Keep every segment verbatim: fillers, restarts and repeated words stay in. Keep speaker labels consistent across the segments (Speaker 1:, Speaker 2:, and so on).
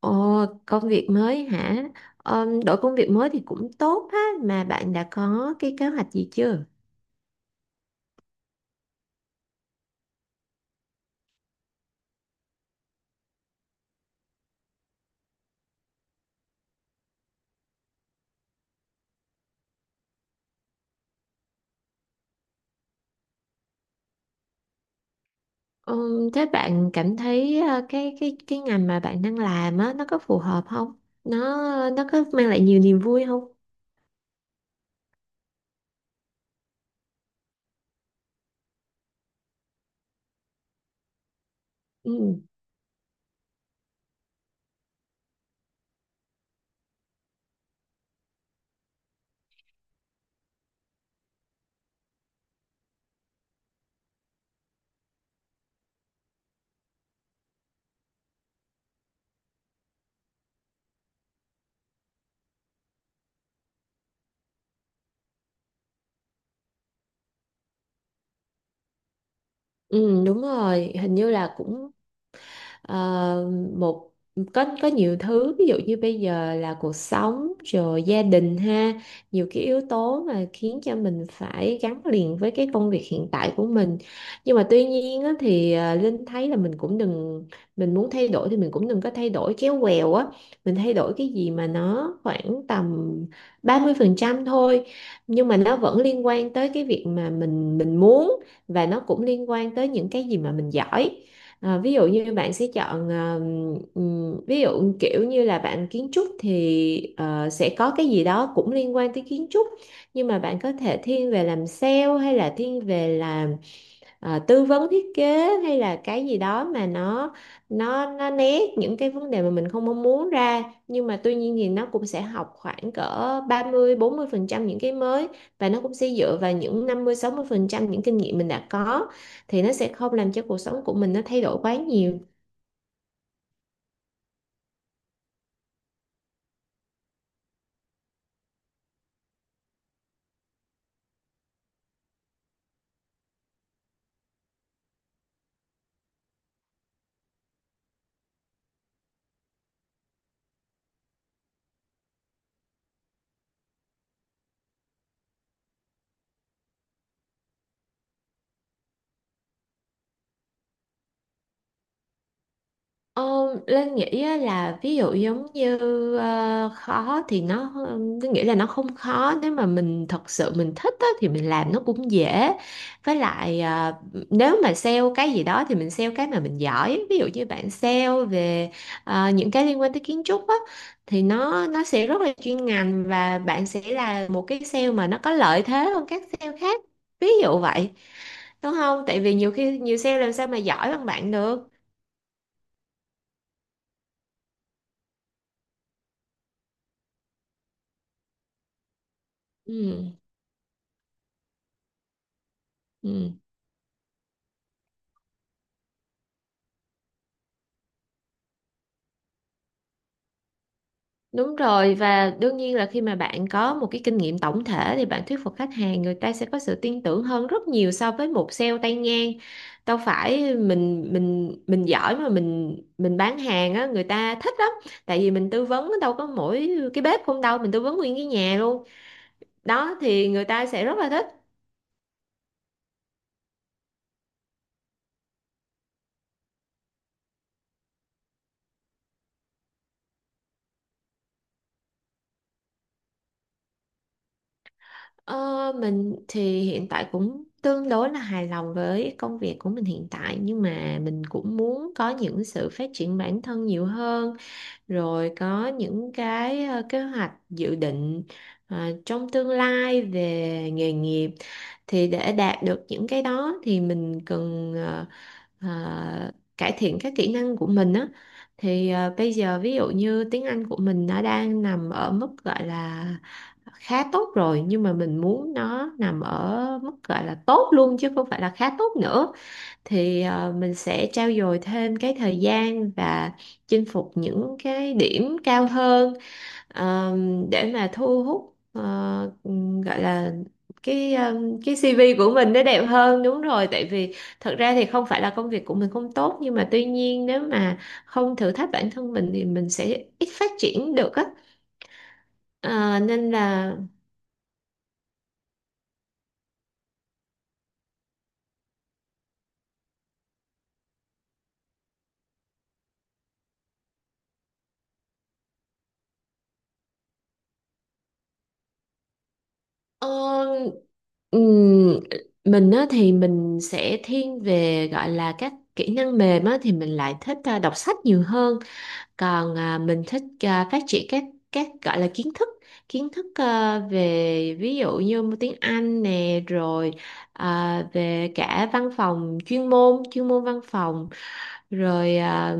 Speaker 1: Ồ, công việc mới hả? Ờm, đổi công việc mới thì cũng tốt ha, mà bạn đã có cái kế hoạch gì chưa? Ừm, thế bạn cảm thấy ờ, cái cái cái ngành mà bạn đang làm á nó có phù hợp không? Nó nó có mang lại nhiều niềm vui không? Ừ, ừ, đúng rồi, hình như là cũng. Ờ, một có có nhiều thứ, ví dụ như bây giờ là cuộc sống rồi gia đình ha, nhiều cái yếu tố mà khiến cho mình phải gắn liền với cái công việc hiện tại của mình. Nhưng mà tuy nhiên á, thì à, Linh thấy là mình cũng đừng mình muốn thay đổi thì mình cũng đừng có thay đổi chéo quèo á. Mình thay đổi cái gì mà nó khoảng tầm ba mươi phần trăm thôi, nhưng mà nó vẫn liên quan tới cái việc mà mình mình muốn, và nó cũng liên quan tới những cái gì mà mình giỏi. Ờ, ví dụ như bạn sẽ chọn ờ, ừm, ví dụ kiểu như là bạn kiến trúc thì ờ, sẽ có cái gì đó cũng liên quan tới kiến trúc, nhưng mà bạn có thể thiên về làm sale hay là thiên về làm ờ, tư vấn thiết kế, hay là cái gì đó mà nó nó nó né những cái vấn đề mà mình không mong muốn ra. Nhưng mà tuy nhiên thì nó cũng sẽ học khoảng cỡ ba mươi bốn mươi phần trăm những cái mới, và nó cũng sẽ dựa vào những năm mươi sáu mươi phần trăm những kinh nghiệm mình đã có, thì nó sẽ không làm cho cuộc sống của mình nó thay đổi quá nhiều. Ờ, Linh nghĩ á, là ví dụ giống như, ờ, khó thì nó Linh nghĩ là nó không khó, nếu mà mình thật sự mình thích á, thì mình làm nó cũng dễ. Với lại ờ, nếu mà sale cái gì đó thì mình sale cái mà mình giỏi. Ví dụ như bạn sale về ờ, những cái liên quan tới kiến trúc á, thì nó nó sẽ rất là chuyên ngành, và bạn sẽ là một cái sale mà nó có lợi thế hơn các sale khác, ví dụ vậy, đúng không? Tại vì nhiều khi nhiều sale làm sao mà giỏi bằng bạn được. Ừ. Ừ. Đúng rồi, và đương nhiên là khi mà bạn có một cái kinh nghiệm tổng thể thì bạn thuyết phục khách hàng, người ta sẽ có sự tin tưởng hơn rất nhiều so với một sale tay ngang. Đâu phải mình mình mình giỏi mà mình mình bán hàng á người ta thích lắm. Tại vì mình tư vấn đâu có mỗi cái bếp không đâu, mình tư vấn nguyên cái nhà luôn. Đó thì người ta sẽ rất là thích. Ờ, mình thì hiện tại cũng tương đối là hài lòng với công việc của mình hiện tại, nhưng mà mình cũng muốn có những sự phát triển bản thân nhiều hơn, rồi có những cái ờ, kế hoạch, dự định ờ, trong tương lai về nghề nghiệp. Thì để đạt được những cái đó thì mình cần ờ, ờ, cải thiện các kỹ năng của mình á. Thì ờ, bây giờ, ví dụ như tiếng Anh của mình nó đang nằm ở mức gọi là khá tốt rồi, nhưng mà mình muốn nó nằm ở mức gọi là tốt luôn chứ không phải là khá tốt nữa. Thì ờ, mình sẽ trau dồi thêm cái thời gian và chinh phục những cái điểm cao hơn, ờm, để mà thu hút ờ, gọi là cái ờm, cái xi vi của mình nó đẹp hơn, đúng rồi. Tại vì thật ra thì không phải là công việc của mình không tốt, nhưng mà tuy nhiên nếu mà không thử thách bản thân mình thì mình sẽ ít phát triển được á. Ờ, Nên là ờ, Ừm, mình á, thì mình sẽ thiên về gọi là các kỹ năng mềm á, thì mình lại thích à, đọc sách nhiều hơn. Còn à, mình thích à, phát triển các các gọi là kiến thức kiến thức à, về ví dụ như tiếng Anh nè, rồi à, về cả văn phòng chuyên môn, chuyên môn văn phòng, rồi à,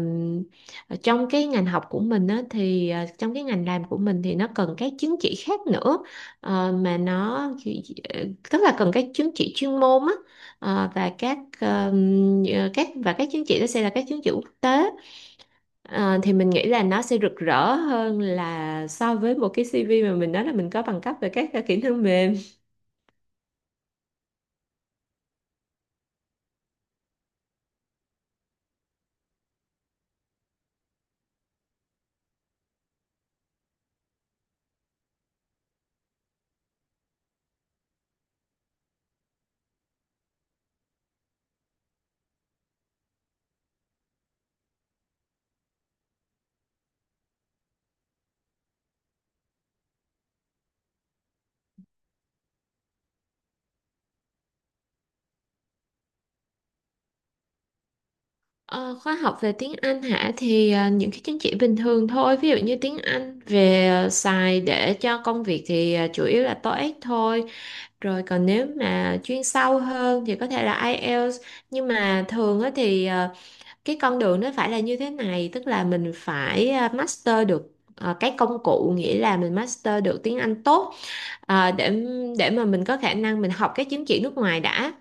Speaker 1: trong cái ngành học của mình á, thì à, trong cái ngành làm của mình thì nó cần các chứng chỉ khác nữa. Ờ, mà nó, tức là cần các chứng chỉ chuyên môn á. Ờ, và các ờm, ờ, các và các chứng chỉ đó sẽ là các chứng chỉ quốc tế. Ờ, thì mình nghĩ là nó sẽ rực rỡ hơn là so với một cái xê vê mà mình nói là mình có bằng cấp về các ờ, kỹ năng mềm. Ờ, Khóa học về tiếng Anh hả, thì ờ, những cái chứng chỉ bình thường thôi, ví dụ như tiếng Anh về ờ, xài để cho công việc thì ờ, chủ yếu là TOEIC thôi. Rồi còn nếu mà chuyên sâu hơn thì có thể là IELTS, nhưng mà thường á thì ờ, cái con đường nó phải là như thế này, tức là mình phải à, master được à, cái công cụ, nghĩa là mình master được tiếng Anh tốt à, để để mà mình có khả năng mình học cái chứng chỉ nước ngoài đã.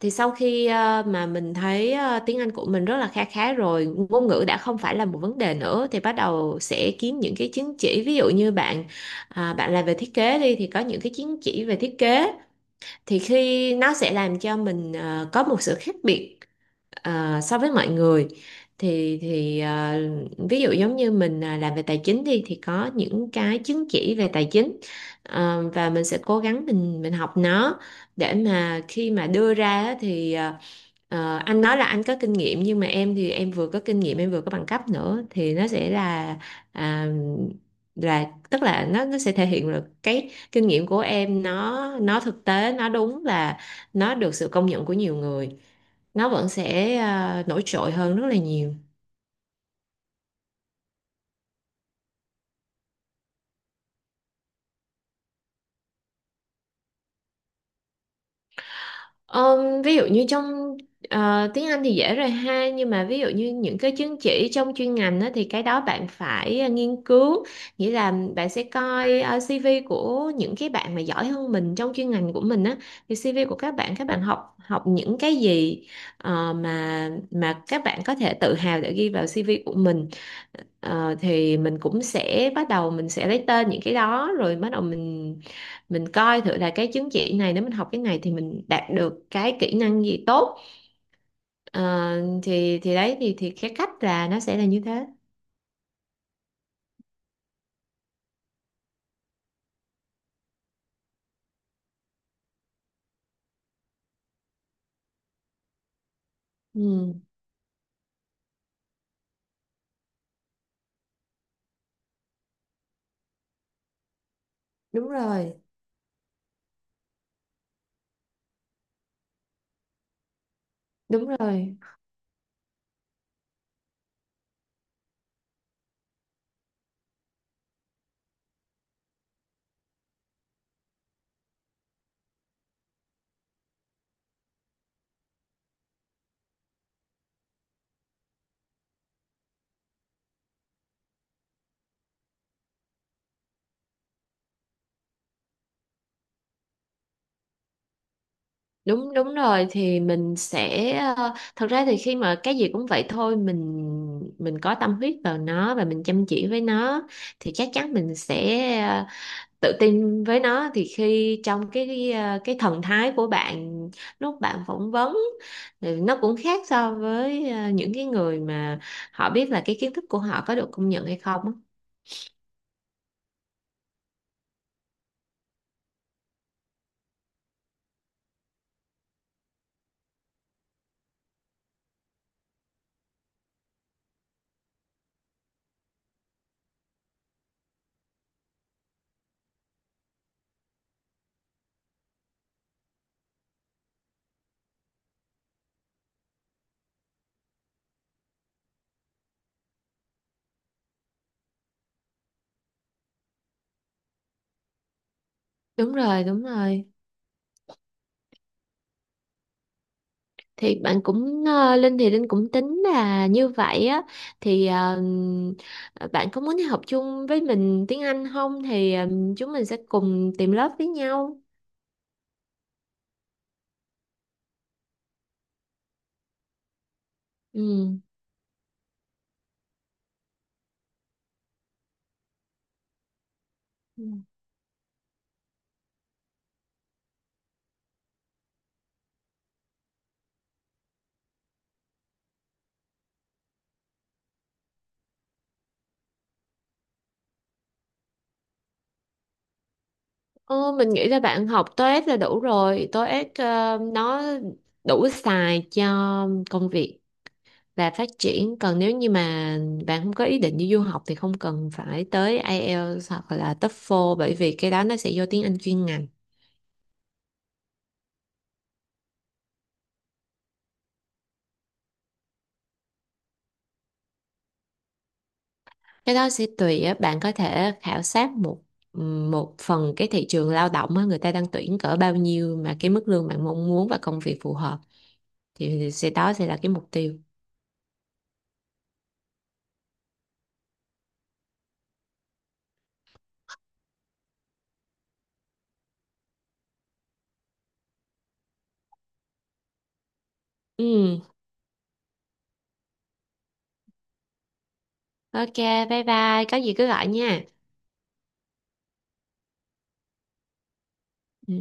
Speaker 1: Thì sau khi à, mà mình thấy à, tiếng Anh của mình rất là kha khá rồi, ngôn ngữ đã không phải là một vấn đề nữa, thì bắt đầu sẽ kiếm những cái chứng chỉ. Ví dụ như bạn à, bạn làm về thiết kế đi thì có những cái chứng chỉ về thiết kế, thì khi nó sẽ làm cho mình à, có một sự khác biệt ờ, so với mọi người. thì thì ờ, Ví dụ giống như mình à, làm về tài chính đi thì có những cái chứng chỉ về tài chính. Ờ, và mình sẽ cố gắng mình mình học nó, để mà khi mà đưa ra á thì à, Ờ, anh nói là anh có kinh nghiệm, nhưng mà em thì em vừa có kinh nghiệm em vừa có bằng cấp nữa, thì nó sẽ là à, là, tức là nó nó sẽ thể hiện được cái kinh nghiệm của em, nó nó thực tế, nó đúng và nó được sự công nhận của nhiều người, nó vẫn sẽ à, nổi trội hơn rất là nhiều. Ờm, ví dụ như trong ờ, tiếng Anh thì dễ rồi ha, nhưng mà ví dụ như những cái chứng chỉ trong chuyên ngành á, thì cái đó bạn phải ờ, nghiên cứu, nghĩa là bạn sẽ coi ờ, xi vi của những cái bạn mà giỏi hơn mình trong chuyên ngành của mình á, thì xê vê của các bạn các bạn học học những cái gì ờ, mà mà các bạn có thể tự hào để ghi vào xi vi của mình. Ờ, thì mình cũng sẽ bắt đầu mình sẽ lấy tên những cái đó, rồi bắt đầu mình mình coi thử là cái chứng chỉ này, nếu mình học cái này thì mình đạt được cái kỹ năng gì tốt. Ờ, thì thì đấy, thì thì cái cách là nó sẽ là như thế. Ừ, đúng rồi, đúng rồi, đúng đúng rồi. Thì mình sẽ ờ, thật ra thì khi mà cái gì cũng vậy thôi, mình mình có tâm huyết vào nó và mình chăm chỉ với nó thì chắc chắn mình sẽ ờ, tự tin với nó. Thì khi trong cái à, cái thần thái của bạn lúc bạn phỏng vấn thì nó cũng khác so với à, những cái người mà họ biết là cái kiến thức của họ có được công nhận hay không á. Đúng rồi, đúng rồi. Thì bạn cũng ờ, Linh thì Linh cũng tính là như vậy á, thì ờ, bạn có muốn học chung với mình tiếng Anh không? Thì ờ, chúng mình sẽ cùng tìm lớp với nhau. Ừ. Ờ, mình nghĩ là bạn học TOEIC là đủ rồi. TOEIC ờ, nó đủ xài cho công việc và phát triển. Còn nếu như mà bạn không có ý định đi du học thì không cần phải tới IELTS hoặc là TOEFL, bởi vì cái đó nó sẽ vô tiếng Anh chuyên ngành. Cái đó sẽ tùy á, bạn có thể khảo sát một một phần cái thị trường lao động á, người ta đang tuyển cỡ bao nhiêu mà cái mức lương bạn mong muốn và công việc phù hợp, thì sẽ đó sẽ là cái mục tiêu. Ừ, ok, bye bye, có gì cứ gọi nha. Ừ.